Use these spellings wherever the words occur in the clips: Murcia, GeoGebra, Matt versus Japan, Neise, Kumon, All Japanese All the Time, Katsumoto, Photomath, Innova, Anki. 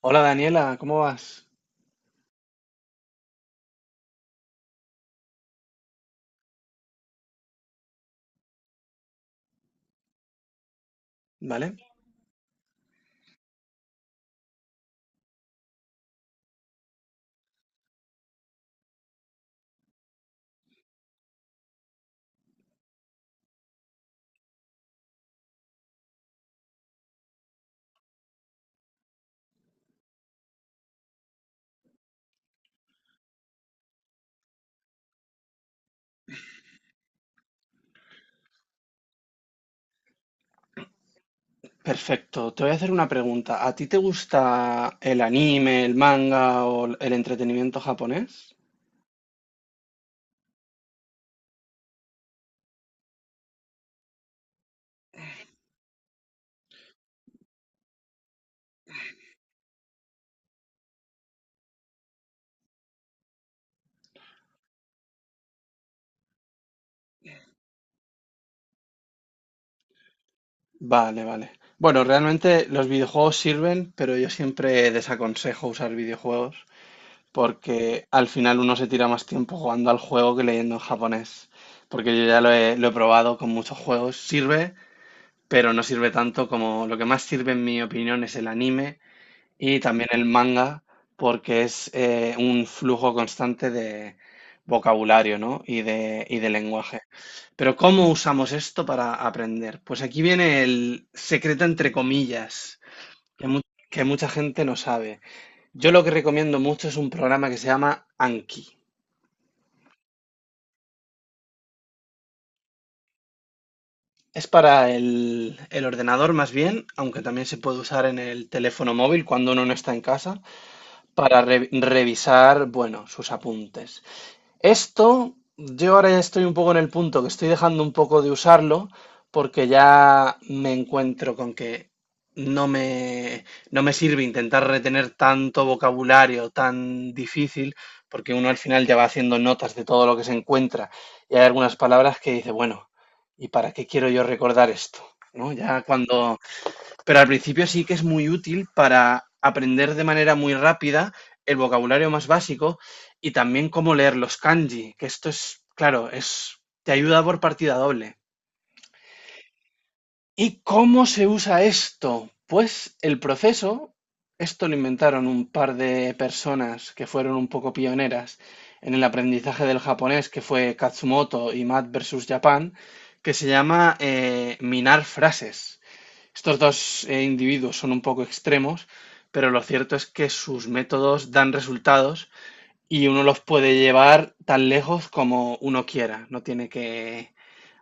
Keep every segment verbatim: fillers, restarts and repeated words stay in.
Hola Daniela, ¿cómo vas? ¿Vale? Perfecto. Te voy a hacer una pregunta. ¿A ti te gusta el anime, el manga o el entretenimiento japonés? Vale, vale. Bueno, realmente los videojuegos sirven, pero yo siempre desaconsejo usar videojuegos porque al final uno se tira más tiempo jugando al juego que leyendo en japonés. Porque yo ya lo he, lo he probado con muchos juegos. Sirve, pero no sirve tanto como lo que más sirve en mi opinión es el anime. Y también el manga, porque es eh, un flujo constante de vocabulario, ¿no? Y de, y de lenguaje. Pero ¿cómo usamos esto para aprender? Pues aquí viene el secreto entre comillas, que, mu- que mucha gente no sabe. Yo lo que recomiendo mucho es un programa que se llama Anki. Es para el, el ordenador más bien, aunque también se puede usar en el teléfono móvil cuando uno no está en casa, para re- revisar, bueno, sus apuntes. Esto, yo ahora ya estoy un poco en el punto que estoy dejando un poco de usarlo porque ya me encuentro con que no me, no me sirve intentar retener tanto vocabulario tan difícil porque uno al final ya va haciendo notas de todo lo que se encuentra y hay algunas palabras que dice, bueno, ¿y para qué quiero yo recordar esto? ¿No? Ya cuando pero al principio sí que es muy útil para aprender de manera muy rápida el vocabulario más básico y también cómo leer los kanji, que esto es, claro, es, te ayuda por partida doble. ¿Y cómo se usa esto? Pues el proceso, esto lo inventaron un par de personas que fueron un poco pioneras en el aprendizaje del japonés, que fue Katsumoto y Matt versus Japan, que se llama eh, minar frases. Estos dos eh, individuos son un poco extremos, pero lo cierto es que sus métodos dan resultados y uno los puede llevar tan lejos como uno quiera. No tiene que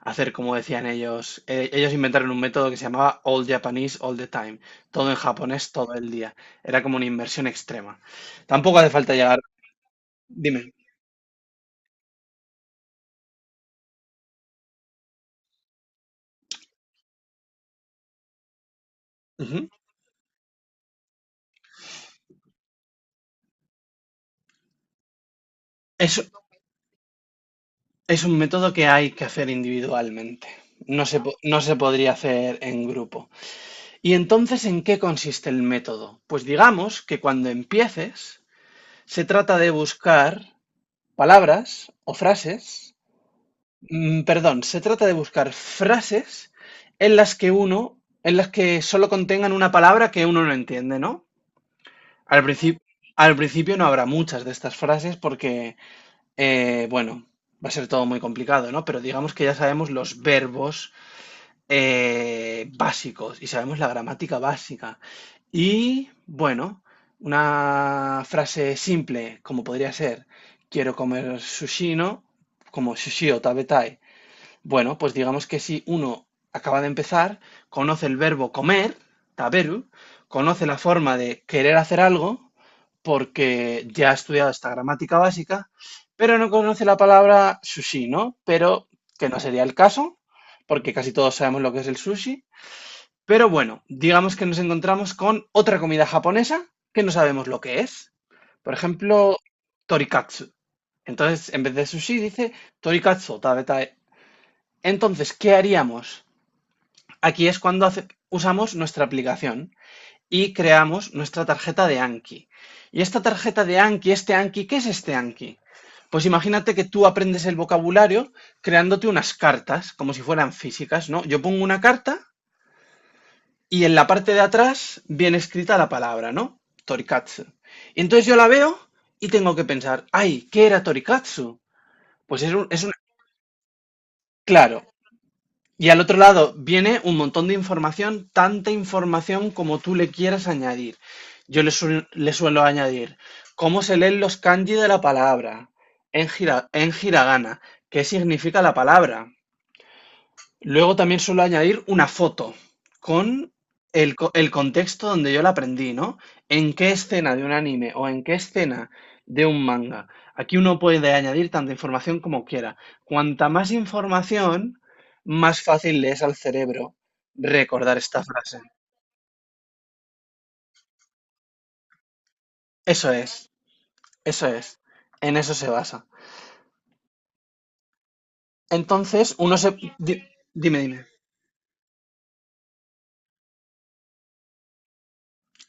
hacer como decían ellos. Eh, ellos inventaron un método que se llamaba All Japanese All the Time, todo en japonés todo el día. Era como una inversión extrema. Tampoco hace falta llegar. Dime. Ujú. Es, es un método que hay que hacer individualmente. No se, po- no se podría hacer en grupo. Y entonces, ¿en qué consiste el método? Pues digamos que cuando empieces, se trata de buscar palabras o frases, mm, perdón, se trata de buscar frases en las que uno, en las que solo contengan una palabra que uno no entiende, ¿no? Al principio, al principio no habrá muchas de estas frases porque, eh, bueno, va a ser todo muy complicado, ¿no? Pero digamos que ya sabemos los verbos eh, básicos y sabemos la gramática básica. Y bueno, una frase simple como podría ser, quiero comer sushi, ¿no? Como sushi o tabetai. Bueno, pues digamos que si uno acaba de empezar, conoce el verbo comer, taberu, conoce la forma de querer hacer algo, porque ya ha estudiado esta gramática básica, pero no conoce la palabra sushi, ¿no? Pero que no sería el caso, porque casi todos sabemos lo que es el sushi. Pero bueno, digamos que nos encontramos con otra comida japonesa que no sabemos lo que es. Por ejemplo, torikatsu. Entonces, en vez de sushi, dice torikatsu, o entonces, ¿qué haríamos? Aquí es cuando hace- usamos nuestra aplicación y creamos nuestra tarjeta de Anki. Y esta tarjeta de Anki, este Anki, ¿qué es este Anki? Pues imagínate que tú aprendes el vocabulario creándote unas cartas, como si fueran físicas, ¿no? Yo pongo una carta y en la parte de atrás viene escrita la palabra, ¿no? Torikatsu. Y entonces yo la veo y tengo que pensar, ay, ¿qué era Torikatsu? Pues es un, es un, claro, y al otro lado viene un montón de información, tanta información como tú le quieras añadir. Yo le, suel- le suelo añadir cómo se leen los kanji de la palabra en, hira- en hiragana, qué significa la palabra. Luego también suelo añadir una foto con el, co- el contexto donde yo la aprendí, ¿no? ¿En qué escena de un anime o en qué escena de un manga? Aquí uno puede añadir tanta información como quiera. Cuanta más información, más fácil le es al cerebro recordar esta frase. Eso es, eso es. En eso se basa. Entonces, uno se... di- dime, dime.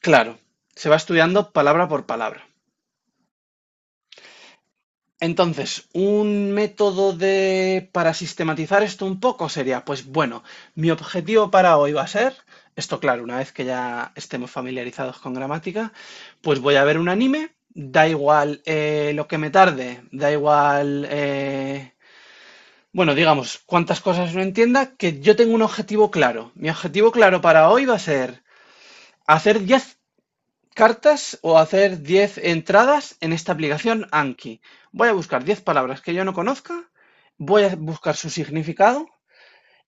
Claro, se va estudiando palabra por palabra. Entonces, un método de para sistematizar esto un poco sería, pues bueno, mi objetivo para hoy va a ser, esto claro, una vez que ya estemos familiarizados con gramática, pues voy a ver un anime, da igual eh, lo que me tarde, da igual, eh, bueno, digamos, cuántas cosas no entienda, que yo tengo un objetivo claro. Mi objetivo claro para hoy va a ser hacer diez cartas o hacer diez entradas en esta aplicación Anki. Voy a buscar diez palabras que yo no conozca, voy a buscar su significado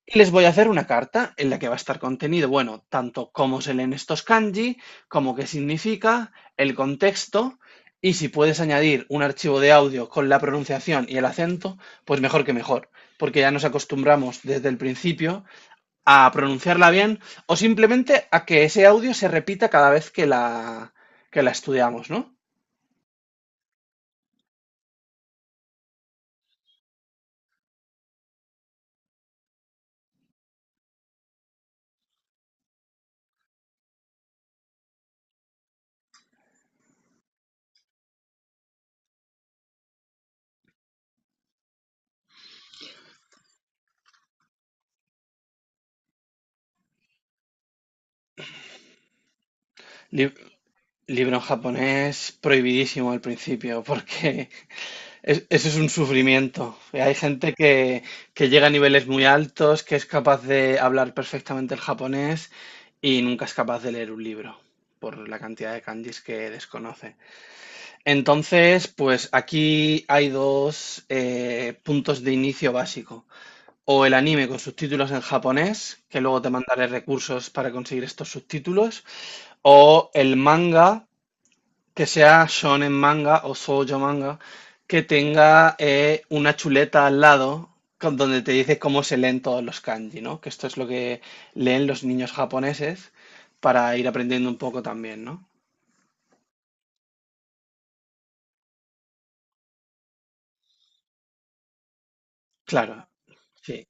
y les voy a hacer una carta en la que va a estar contenido, bueno, tanto cómo se leen estos kanji, como qué significa, el contexto y si puedes añadir un archivo de audio con la pronunciación y el acento, pues mejor que mejor, porque ya nos acostumbramos desde el principio a pronunciarla bien o simplemente a que ese audio se repita cada vez que la, que la estudiamos, ¿no? Lib- Libro en japonés prohibidísimo al principio porque es- eso es un sufrimiento. Y hay gente que, que llega a niveles muy altos, que es capaz de hablar perfectamente el japonés y nunca es capaz de leer un libro por la cantidad de kanjis que desconoce. Entonces, pues aquí hay dos eh, puntos de inicio básico, o el anime con subtítulos en japonés, que luego te mandaré recursos para conseguir estos subtítulos, o el manga, que sea shonen manga o shoujo manga, que tenga eh, una chuleta al lado con- donde te dice cómo se leen todos los kanji, ¿no? Que esto es lo que leen los niños japoneses para ir aprendiendo un poco también, ¿no? Claro, sí.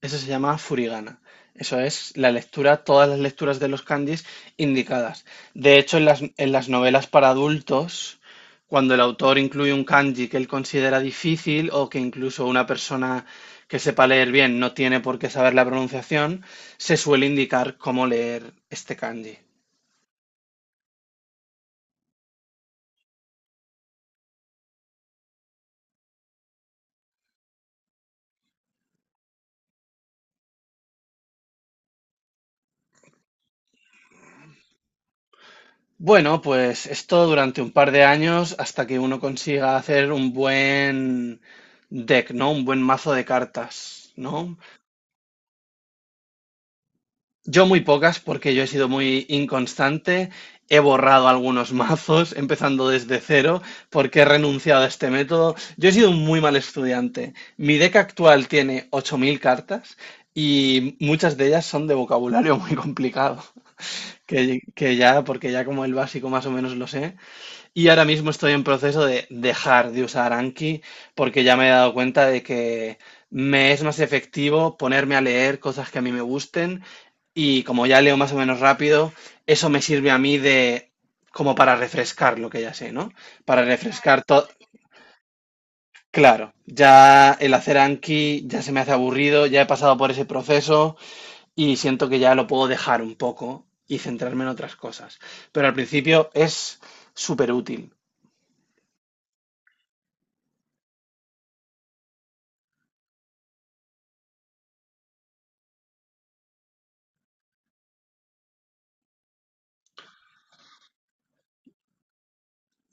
Eso se llama furigana. Eso es la lectura, todas las lecturas de los kanjis indicadas. De hecho, en las, en las novelas para adultos, cuando el autor incluye un kanji que él considera difícil o que incluso una persona que sepa leer bien no tiene por qué saber la pronunciación, se suele indicar cómo leer este kanji. Bueno, pues esto durante un par de años hasta que uno consiga hacer un buen deck, ¿no? Un buen mazo de cartas, ¿no? Yo muy pocas porque yo he sido muy inconstante, he borrado algunos mazos empezando desde cero porque he renunciado a este método. Yo he sido un muy mal estudiante. Mi deck actual tiene ocho mil cartas y muchas de ellas son de vocabulario muy complicado, que, que ya, porque ya como el básico más o menos lo sé, y ahora mismo estoy en proceso de dejar de usar Anki porque ya me he dado cuenta de que me es más efectivo ponerme a leer cosas que a mí me gusten y como ya leo más o menos rápido, eso me sirve a mí de como para refrescar lo que ya sé, ¿no? Para refrescar todo. Claro, ya el hacer Anki ya se me hace aburrido, ya he pasado por ese proceso y siento que ya lo puedo dejar un poco y centrarme en otras cosas. Pero al principio es súper útil.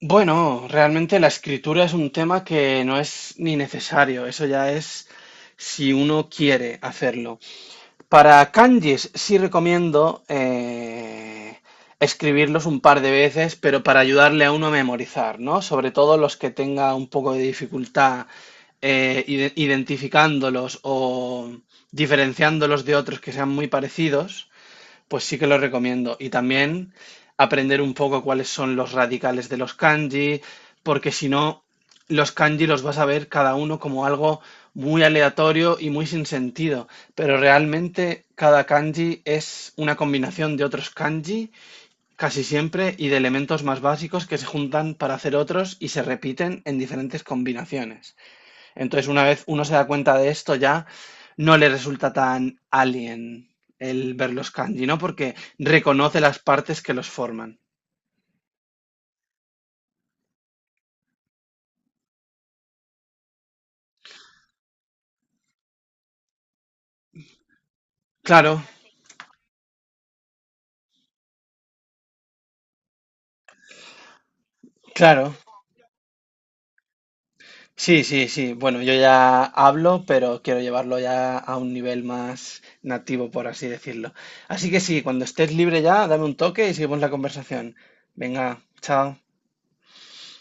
Bueno, realmente la escritura es un tema que no es ni necesario, eso ya es si uno quiere hacerlo. Para kanjis sí recomiendo eh, escribirlos un par de veces, pero para ayudarle a uno a memorizar, ¿no? Sobre todo los que tenga un poco de dificultad eh, ide- identificándolos o diferenciándolos de otros que sean muy parecidos. Pues sí que lo recomiendo. Y también aprender un poco cuáles son los radicales de los kanji, porque si no, los kanji los vas a ver cada uno como algo muy aleatorio y muy sin sentido. Pero realmente cada kanji es una combinación de otros kanji, casi siempre, y de elementos más básicos que se juntan para hacer otros y se repiten en diferentes combinaciones. Entonces, una vez uno se da cuenta de esto, ya no le resulta tan alien el ver los kanji, ¿no? Porque reconoce las partes que los forman. Claro, claro. Sí, sí, sí. Bueno, yo ya hablo, pero quiero llevarlo ya a un nivel más nativo, por así decirlo. Así que sí, cuando estés libre ya, dame un toque y seguimos la conversación. Venga, chao.